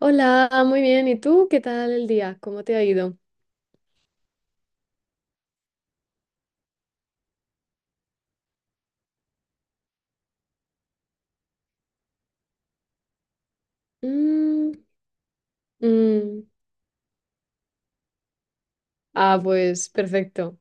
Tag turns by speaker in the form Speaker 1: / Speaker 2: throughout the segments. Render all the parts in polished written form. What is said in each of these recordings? Speaker 1: Hola, muy bien. ¿Y tú? ¿Qué tal el día? ¿Cómo te ha ido? Mm, mm. Ah, pues perfecto.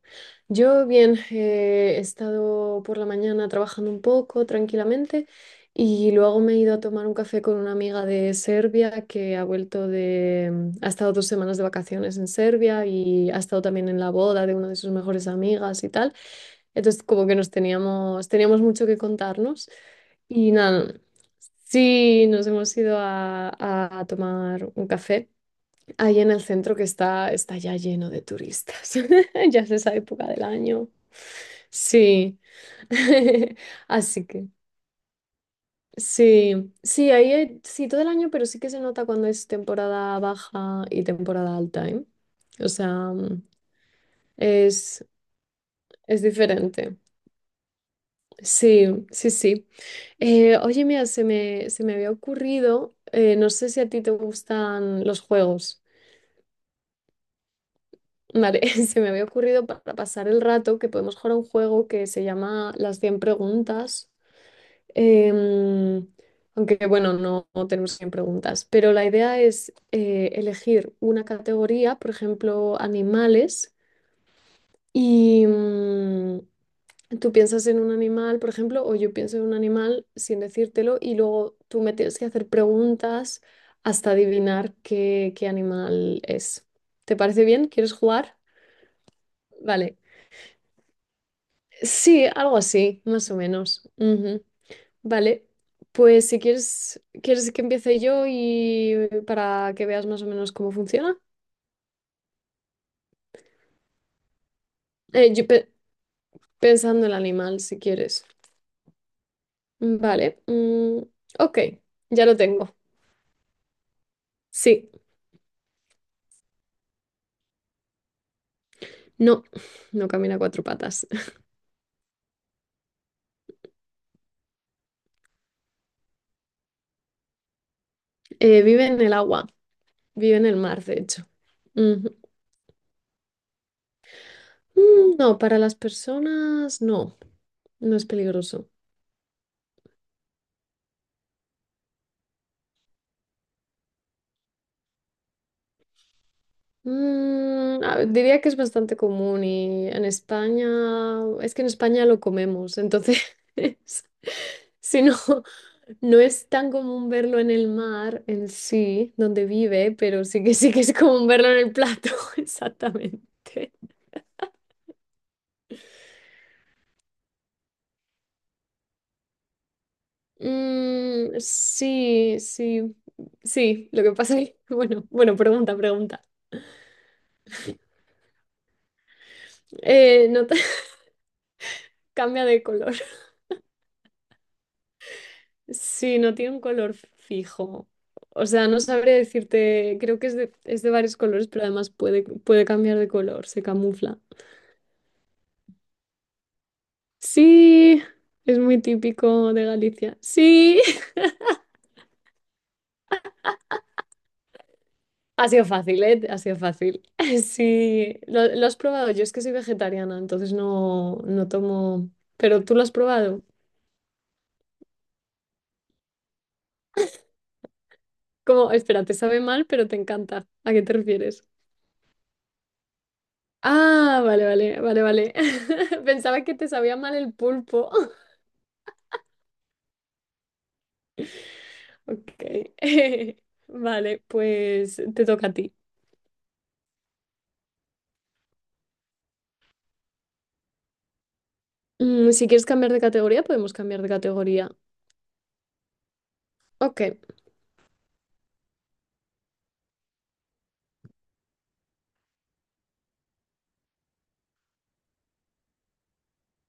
Speaker 1: Yo bien, he estado por la mañana trabajando un poco tranquilamente y luego me he ido a tomar un café con una amiga de Serbia que ha vuelto ha estado 2 semanas de vacaciones en Serbia y ha estado también en la boda de una de sus mejores amigas y tal. Entonces, como que nos teníamos mucho que contarnos. Y nada, sí, nos hemos ido a, tomar un café ahí en el centro que está ya lleno de turistas. Ya es esa época del año. Sí. Así que, sí, sí, sí, todo el año, pero sí que se nota cuando es temporada baja y temporada alta, ¿eh? O sea, es, es diferente. Sí, sí, sí. Oye, mira, se me había ocurrido, no sé si a ti te gustan los juegos. Vale, se me había ocurrido para pasar el rato que podemos jugar a un juego que se llama Las cien preguntas. Em, aunque bueno, no tenemos 100 preguntas, pero la idea es elegir una categoría, por ejemplo, animales, y, tú piensas en un animal, por ejemplo, o yo pienso en un animal sin decírtelo y luego tú me tienes que hacer preguntas hasta adivinar qué animal es. ¿Te parece bien? ¿Quieres jugar? Vale. Sí, algo así, más o menos. Ujú. Vale. Pues si quieres, ¿quieres que empiece yo y para que veas más o menos cómo funciona? Eh, yo pe- pensando el animal, si quieres. Vale. Ok, ya lo tengo. Sí. No, no camina a cuatro patas. Vive en el agua, vive en el mar, de hecho. Ujú. No, para las personas no, no es peligroso. A ver, diría que es bastante común y en España, es que en España lo comemos, entonces, si no, no es tan común verlo en el mar en sí, donde vive, pero sí que es común verlo en el plato, exactamente. Mm, sí, sí, sí. Lo que pasa es que, bueno, bueno, pregunta, pregunta. No te- cambia de color. Sí, no tiene un color fijo. O sea, no sabré decirte, creo que es de varios colores, pero además puede cambiar de color, se camufla. Sí, es muy típico de Galicia. Sí, ha sido fácil, ¿eh? Ha sido fácil. Sí, lo has probado. Yo es que soy vegetariana, entonces no tomo. Pero tú lo has probado. Como, espera, te sabe mal, pero te encanta. ¿A qué te refieres? Ah, vale, vale, vale, vale. Pensaba que te sabía mal el pulpo. Ok. Vale, pues te toca a ti. Si quieres cambiar de categoría, podemos cambiar de categoría. Ok.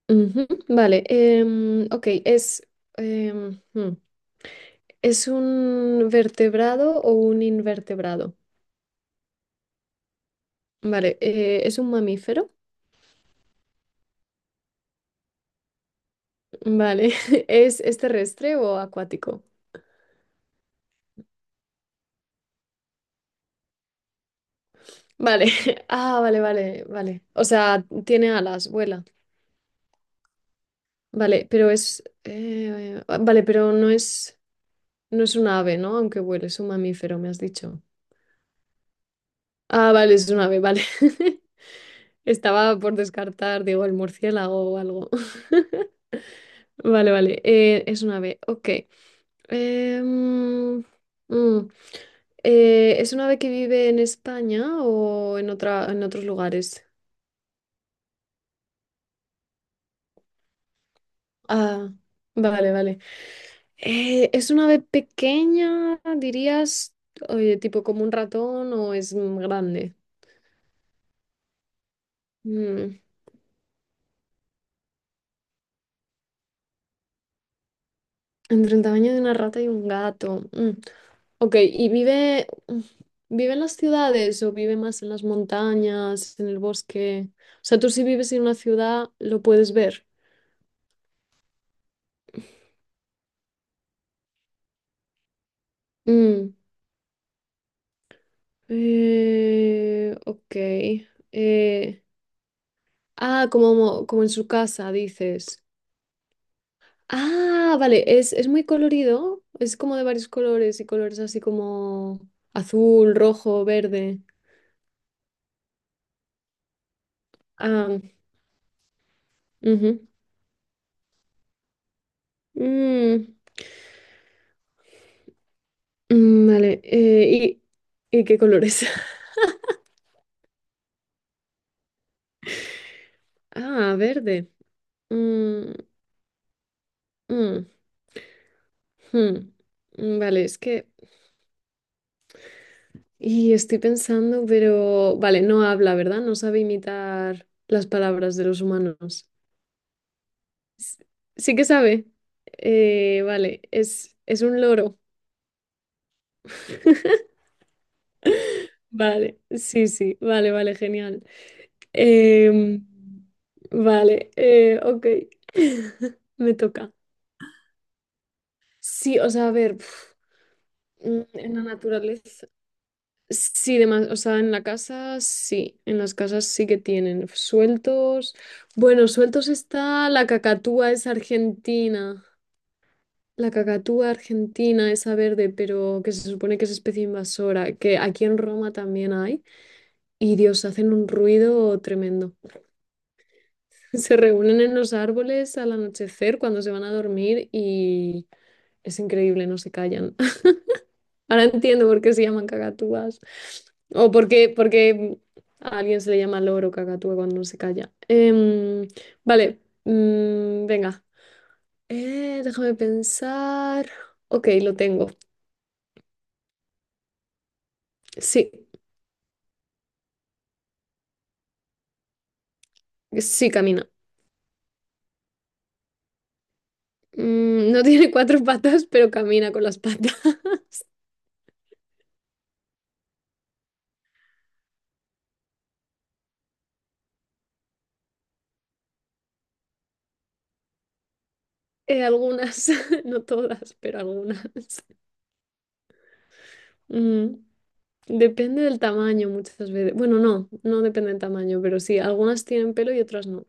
Speaker 1: Ujú. Vale. Em, hmm, ¿Es un vertebrado o un invertebrado? Vale, ¿es un mamífero? Vale, es terrestre o acuático? Vale, ah, vale, vale, vale. O sea, tiene alas, vuela. Vale, pero ah, vale, pero no es un ave, ¿no? Aunque vuele, es un mamífero, me has dicho. Ah, vale, es un ave, vale. Estaba por descartar, digo, el murciélago o algo. Vale, vale, es un ave, ok. Em, mm, ¿Es un ave que vive en España o en en otros lugares? Ah, vale, vale. ¿Es una ave pequeña, dirías, oye, tipo como un ratón o es grande? Mm, Entre el tamaño de una rata y un gato. Ok, ¿y vive en las ciudades o vive más en las montañas, en el bosque? O sea, tú si vives en una ciudad, lo puedes ver. Mm, ok. eh, ah, como en su casa, dices. Ah, vale, es muy colorido, es como de varios colores y colores así como azul, rojo, verde. Ah, ujú. Mm, vale, y qué colores? Ah, verde. Mm, mm, hmm. Mm, vale, y estoy pensando, pero. Vale, no habla, ¿verdad? No sabe imitar las palabras de los humanos. S- Sí que sabe. Vale, es un loro. Vale, sí, sí, vale, vale, genial. Em, vale, ok. Me toca. Sí, o sea, a ver, en la naturaleza, sí, demás, o sea, en la casa, sí, en las casas sí que tienen sueltos. Bueno, sueltos está la cacatúa, es argentina. La cacatúa argentina, esa verde, pero que se supone que es especie invasora, que aquí en Roma también hay. Y Dios, hacen un ruido tremendo. Se reúnen en los árboles al anochecer cuando se van a dormir y es increíble, no se callan. Ahora entiendo por qué se llaman cacatúas o por qué a alguien se le llama loro cacatúa cuando no se calla. Vale, venga, déjame pensar. Ok, lo tengo. Sí, sí, camina. No tiene cuatro patas, pero camina con las patas. Algunas, no todas, pero algunas. Mm. Depende del tamaño muchas veces. Bueno, no depende del tamaño, pero sí, algunas tienen pelo y otras no.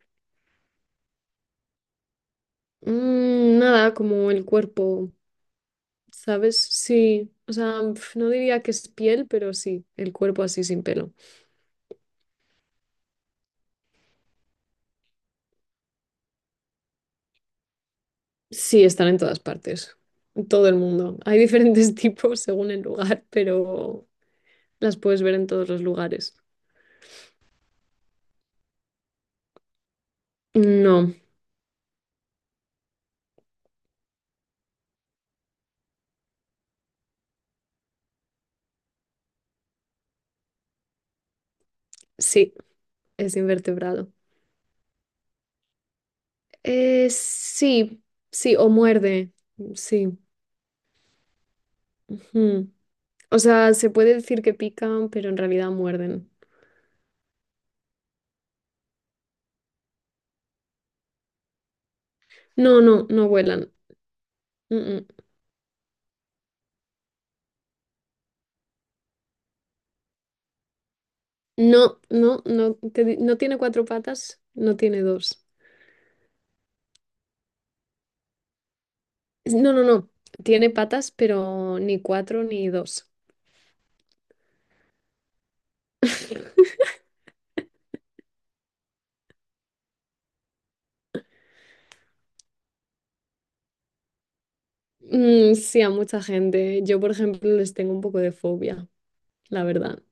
Speaker 1: Nada, como el cuerpo, ¿sabes? Sí, o sea, no diría que es piel, pero sí, el cuerpo así sin pelo. Sí, están en todas partes, en todo el mundo. Hay diferentes tipos según el lugar, pero las puedes ver en todos los lugares. No, sí, es invertebrado. Sí, sí, o muerde, sí. Ujú. O sea, se puede decir que pican, pero en realidad muerden. No, no, no vuelan. Mm, mm. No, no, no, no tiene cuatro patas, no tiene dos. No, no, no. Tiene patas, pero ni cuatro ni dos. Mm, sí, a mucha gente. Yo, por ejemplo, les tengo un poco de fobia, la verdad.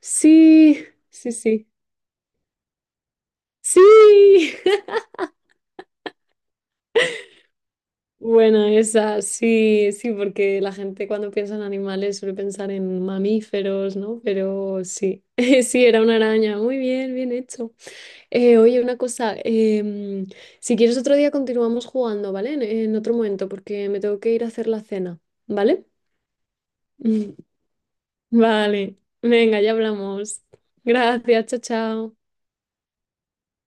Speaker 1: Sí, sí, sí. Sí. Bueno, esa sí, sí, porque la gente cuando piensa en animales suele pensar en mamíferos, ¿no? Pero sí, sí, era una araña. Muy bien, bien hecho. Oye, una cosa, em, si quieres otro día continuamos jugando, ¿vale? En otro momento, porque me tengo que ir a hacer la cena, ¿vale? Vale, venga, ya hablamos. Gracias, chao, chao.